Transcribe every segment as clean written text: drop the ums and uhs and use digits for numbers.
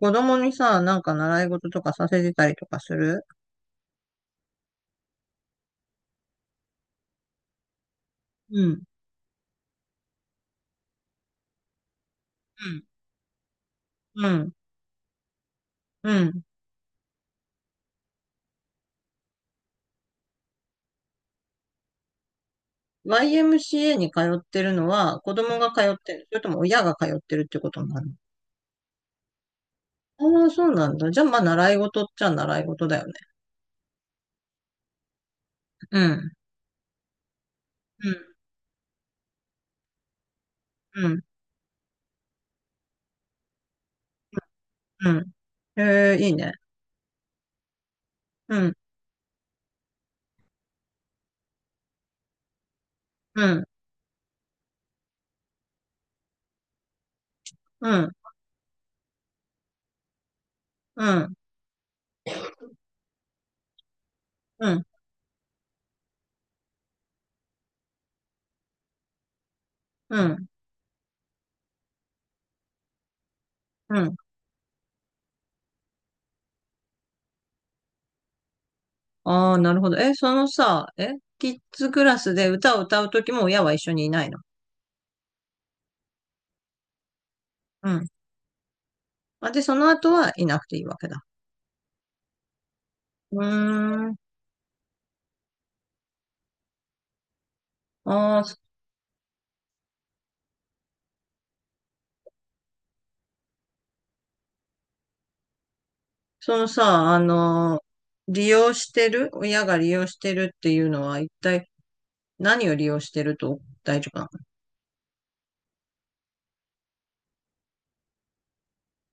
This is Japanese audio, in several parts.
子供にさ、なんか習い事とかさせてたりとかする？うん。うん。うん。うん。YMCA に通ってるのは子供が通ってる。それとも親が通ってるってことになるの？ああ、そうなんだ。じゃあまあ習い事っちゃ習い事だよね。うん。うん。うん。うん。ええ、いいね。うん。うん。うん。うん。うん。うん。うん。ああ、なるほど。え、そのさ、え、キッズクラスで歌を歌うときも親は一緒にいないの？うん。あ、で、その後はいなくていいわけだ。うーん。ああ、そのさ、利用してる、親が利用してるっていうのは一体何を利用してると大丈夫な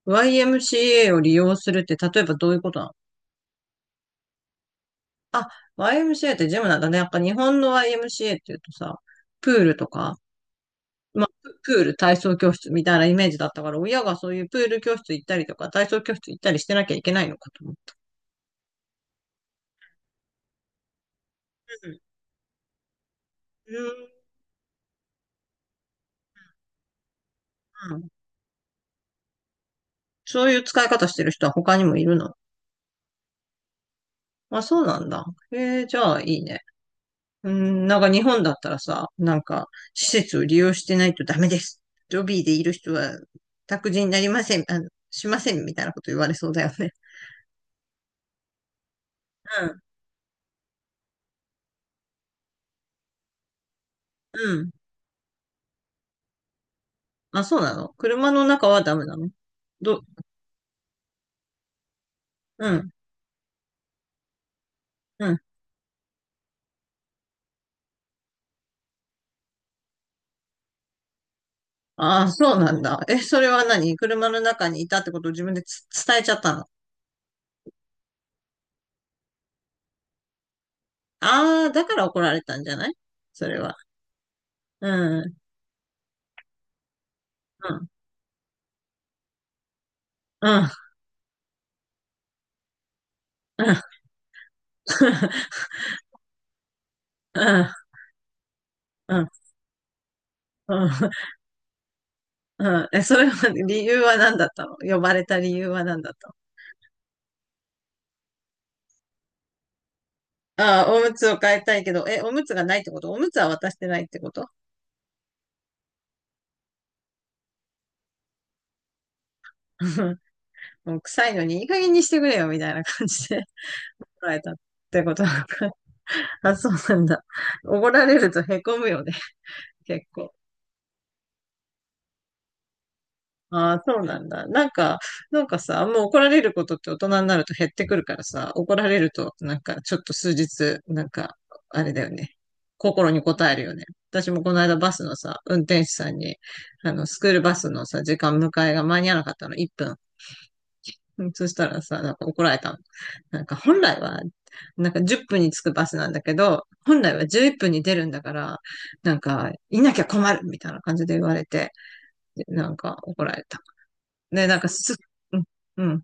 の？ YMCA を利用するって例えばどういうことなの？あ、YMCA ってジムなんだね。やっぱ日本の YMCA っていうとさ、プールとか、まあ、プール体操教室みたいなイメージだったから、親がそういうプール教室行ったりとか、体操教室行ったりしてなきゃいけないのかと思う。うん。うん。そういう使い方してる人は他にもいるの？あ、そうなんだ。へえ、じゃあいいね。うん、なんか日本だったらさ、なんか施設を利用してないとダメです。ロビーでいる人は託児になりません、しませんみたいなこと言われそうだよね。うん、うん。あ、そうなの？車の中はダメなの？ど、うん、うん。ああ、そうなんだ。え、それは何？車の中にいたってことを自分で伝えちゃったの？ああ、だから怒られたんじゃない？それは。うん、うん、うん、うん、うん、うん、うん。うん。え、それは、理由は何だったの？呼ばれた理由は何だったの？ああ、おむつを変えたいけど、え、おむつがないってこと？おむつは渡してないってこと？ もう臭いのにいい加減にしてくれよ、みたいな感じで 捉えたってことなのか。あ、そうなんだ。おごられると凹むよね、結構。ああ、そうなんだ。なんか、なんかさ、もう怒られることって大人になると減ってくるからさ、怒られると、なんか、ちょっと数日、なんか、あれだよね。心に応えるよね。私もこの間バスのさ、運転手さんに、スクールバスのさ、時間迎えが間に合わなかったの、1分。うん。そしたらさ、なんか怒られたの。なんか本来は、なんか10分に着くバスなんだけど、本来は11分に出るんだから、なんか、いなきゃ困るみたいな感じで言われて、でなんか怒られた。ね、なんかうん、うん。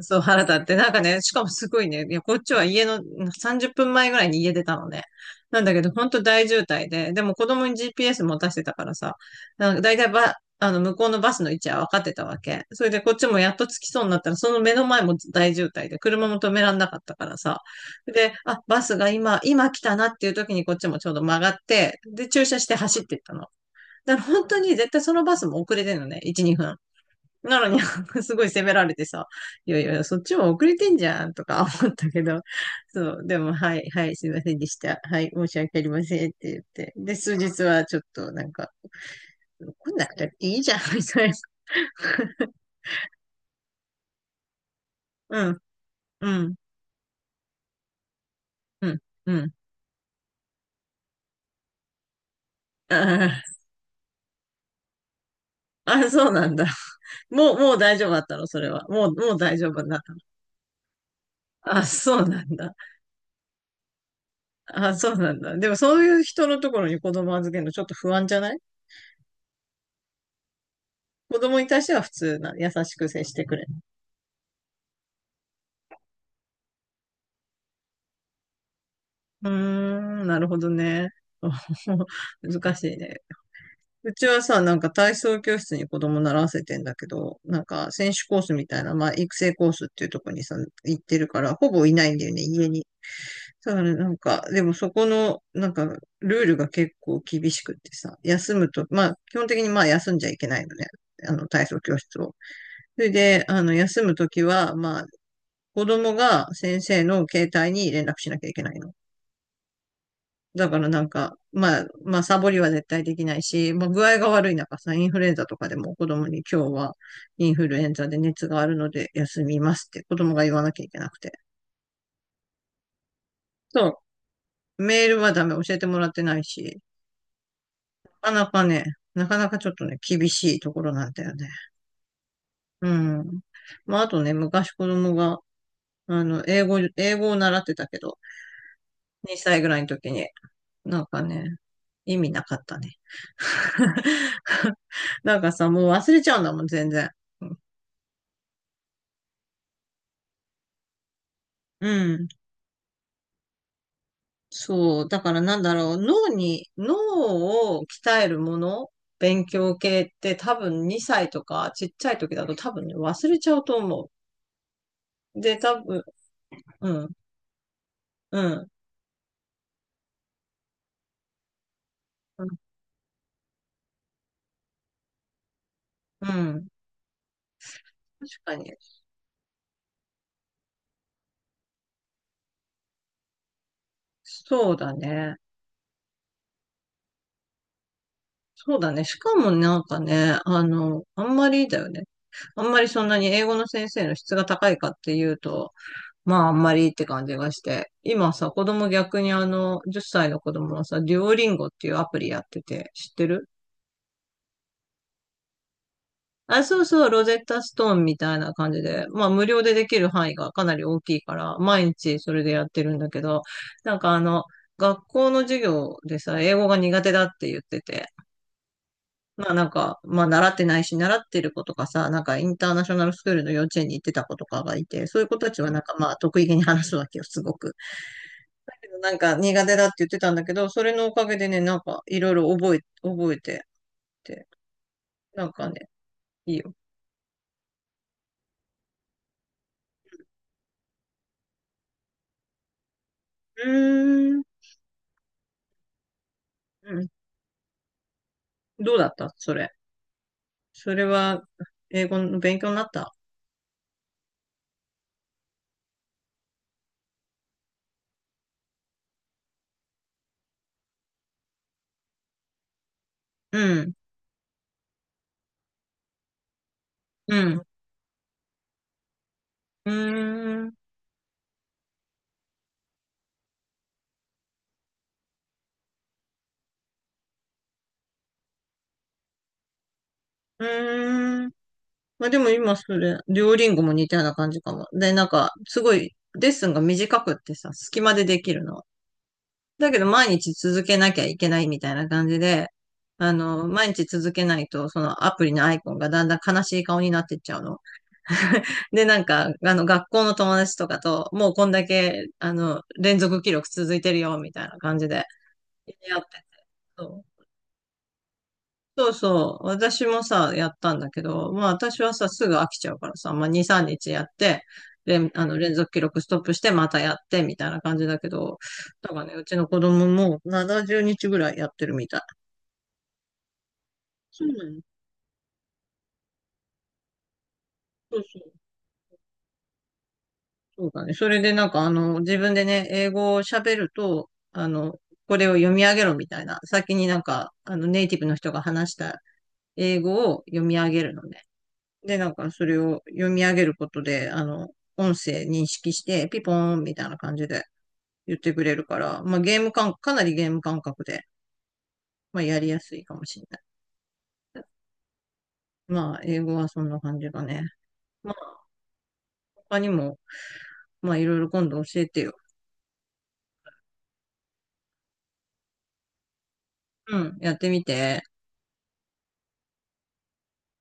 そう、腹立って。なんかね、しかもすごいね、いや、こっちは家の、うん、30分前ぐらいに家出たのね。なんだけど、ほんと大渋滞で、でも子供に GPS 持たせてたからさ、なんか大体向こうのバスの位置は分かってたわけ。それでこっちもやっと着きそうになったら、その目の前も大渋滞で、車も止めらんなかったからさ。で、あ、バスが今来たなっていう時にこっちもちょうど曲がって、で、駐車して走っていったの。だから本当に絶対そのバスも遅れてるのね、1、2分。なのに、すごい責められてさ、いやいや、そっちも遅れてんじゃんとか 思ったけど、そう、でも、はい、はい、すいませんでした。はい、申し訳ありませんって言って。で、数日はちょっとなんか、来なくていいじゃん、みたいな。うん、うん、うん、うん。あー あ、そうなんだ。もう、もう大丈夫だったの、それは？もう、もう大丈夫になった。あ、そうなんだ。あ、そうなんだ。でも、そういう人のところに子供預けるのちょっと不安じゃない？子供に対しては普通な、優しく接してくれ？うーん、なるほどね。難しいね。うちはさ、なんか体操教室に子供習わせてんだけど、なんか選手コースみたいな、まあ育成コースっていうとこにさ、行ってるから、ほぼいないんだよね、家に。だからなんか、でもそこの、なんか、ルールが結構厳しくってさ、休むと、まあ基本的にまあ休んじゃいけないのね、あの体操教室を。それで、休むときは、まあ、子供が先生の携帯に連絡しなきゃいけないの。だからなんか、まあ、まあ、サボりは絶対できないし、まあ、具合が悪い中さ、インフルエンザとかでも子供に今日はインフルエンザで熱があるので休みますって子供が言わなきゃいけなくて。そう、メールはダメ、教えてもらってないし、なかなかね、なかなかちょっとね、厳しいところなんだよね。うん。まあ、あとね、昔子供が、英語を習ってたけど、2歳ぐらいの時に、なんかね、意味なかったね。なんかさ、もう忘れちゃうんだもん、全然。うん。そう。だからなんだろう。脳を鍛えるもの、勉強系って多分2歳とかちっちゃい時だと多分ね、忘れちゃうと思う。で、多分、うん、うん、うん。うん。確かに。そうだね。そうだね。しかもなんかね、あんまりだよね。あんまりそんなに英語の先生の質が高いかっていうと、まあ、あんまりって感じがして。今さ、子供逆に10歳の子供はさ、デュオリンゴっていうアプリやってて、知ってる？あ、そうそう、ロゼッタストーンみたいな感じで、まあ、無料でできる範囲がかなり大きいから、毎日それでやってるんだけど、なんか学校の授業でさ、英語が苦手だって言ってて、まあなんか、まあ習ってないし、習ってる子とかさ、なんかインターナショナルスクールの幼稚園に行ってた子とかがいて、そういう子たちはなんかまあ得意げに話すわけよ、すごく。なんか苦手だって言ってたんだけど、それのおかげでね、なんかいろいろ覚えてて、なんかね、いいよ。うーん。うん。どうだったそれ。それは、英語の勉強になった？うん。うん。うーん。うーん。まあでも今それ、両リンゴも似たような感じかも。で、なんか、すごい、レッスンが短くってさ、隙間でできるの。だけど毎日続けなきゃいけないみたいな感じで、毎日続けないと、そのアプリのアイコンがだんだん悲しい顔になってっちゃうの。で、なんか、学校の友達とかと、もうこんだけ、連続記録続いてるよ、みたいな感じで、やってて。そうそうそう。私もさ、やったんだけど、まあ私はさ、すぐ飽きちゃうからさ、まあ2、3日やって、連、あの、連続記録ストップして、またやって、みたいな感じだけど、だからね、うちの子供も70日ぐらいやってるみたい。そうなの？そうそう、そうだね。それでなんか自分でね、英語を喋ると、これを読み上げろみたいな、先になんか、ネイティブの人が話した英語を読み上げるのね。で、なんかそれを読み上げることで、音声認識して、ピポーンみたいな感じで言ってくれるから、まあゲーム感、かなりゲーム感覚で、まあやりやすいかもしれない。まあ英語はそんな感じだね。まあ他にも、まあいろいろ今度教えてよ。うん、やってみて。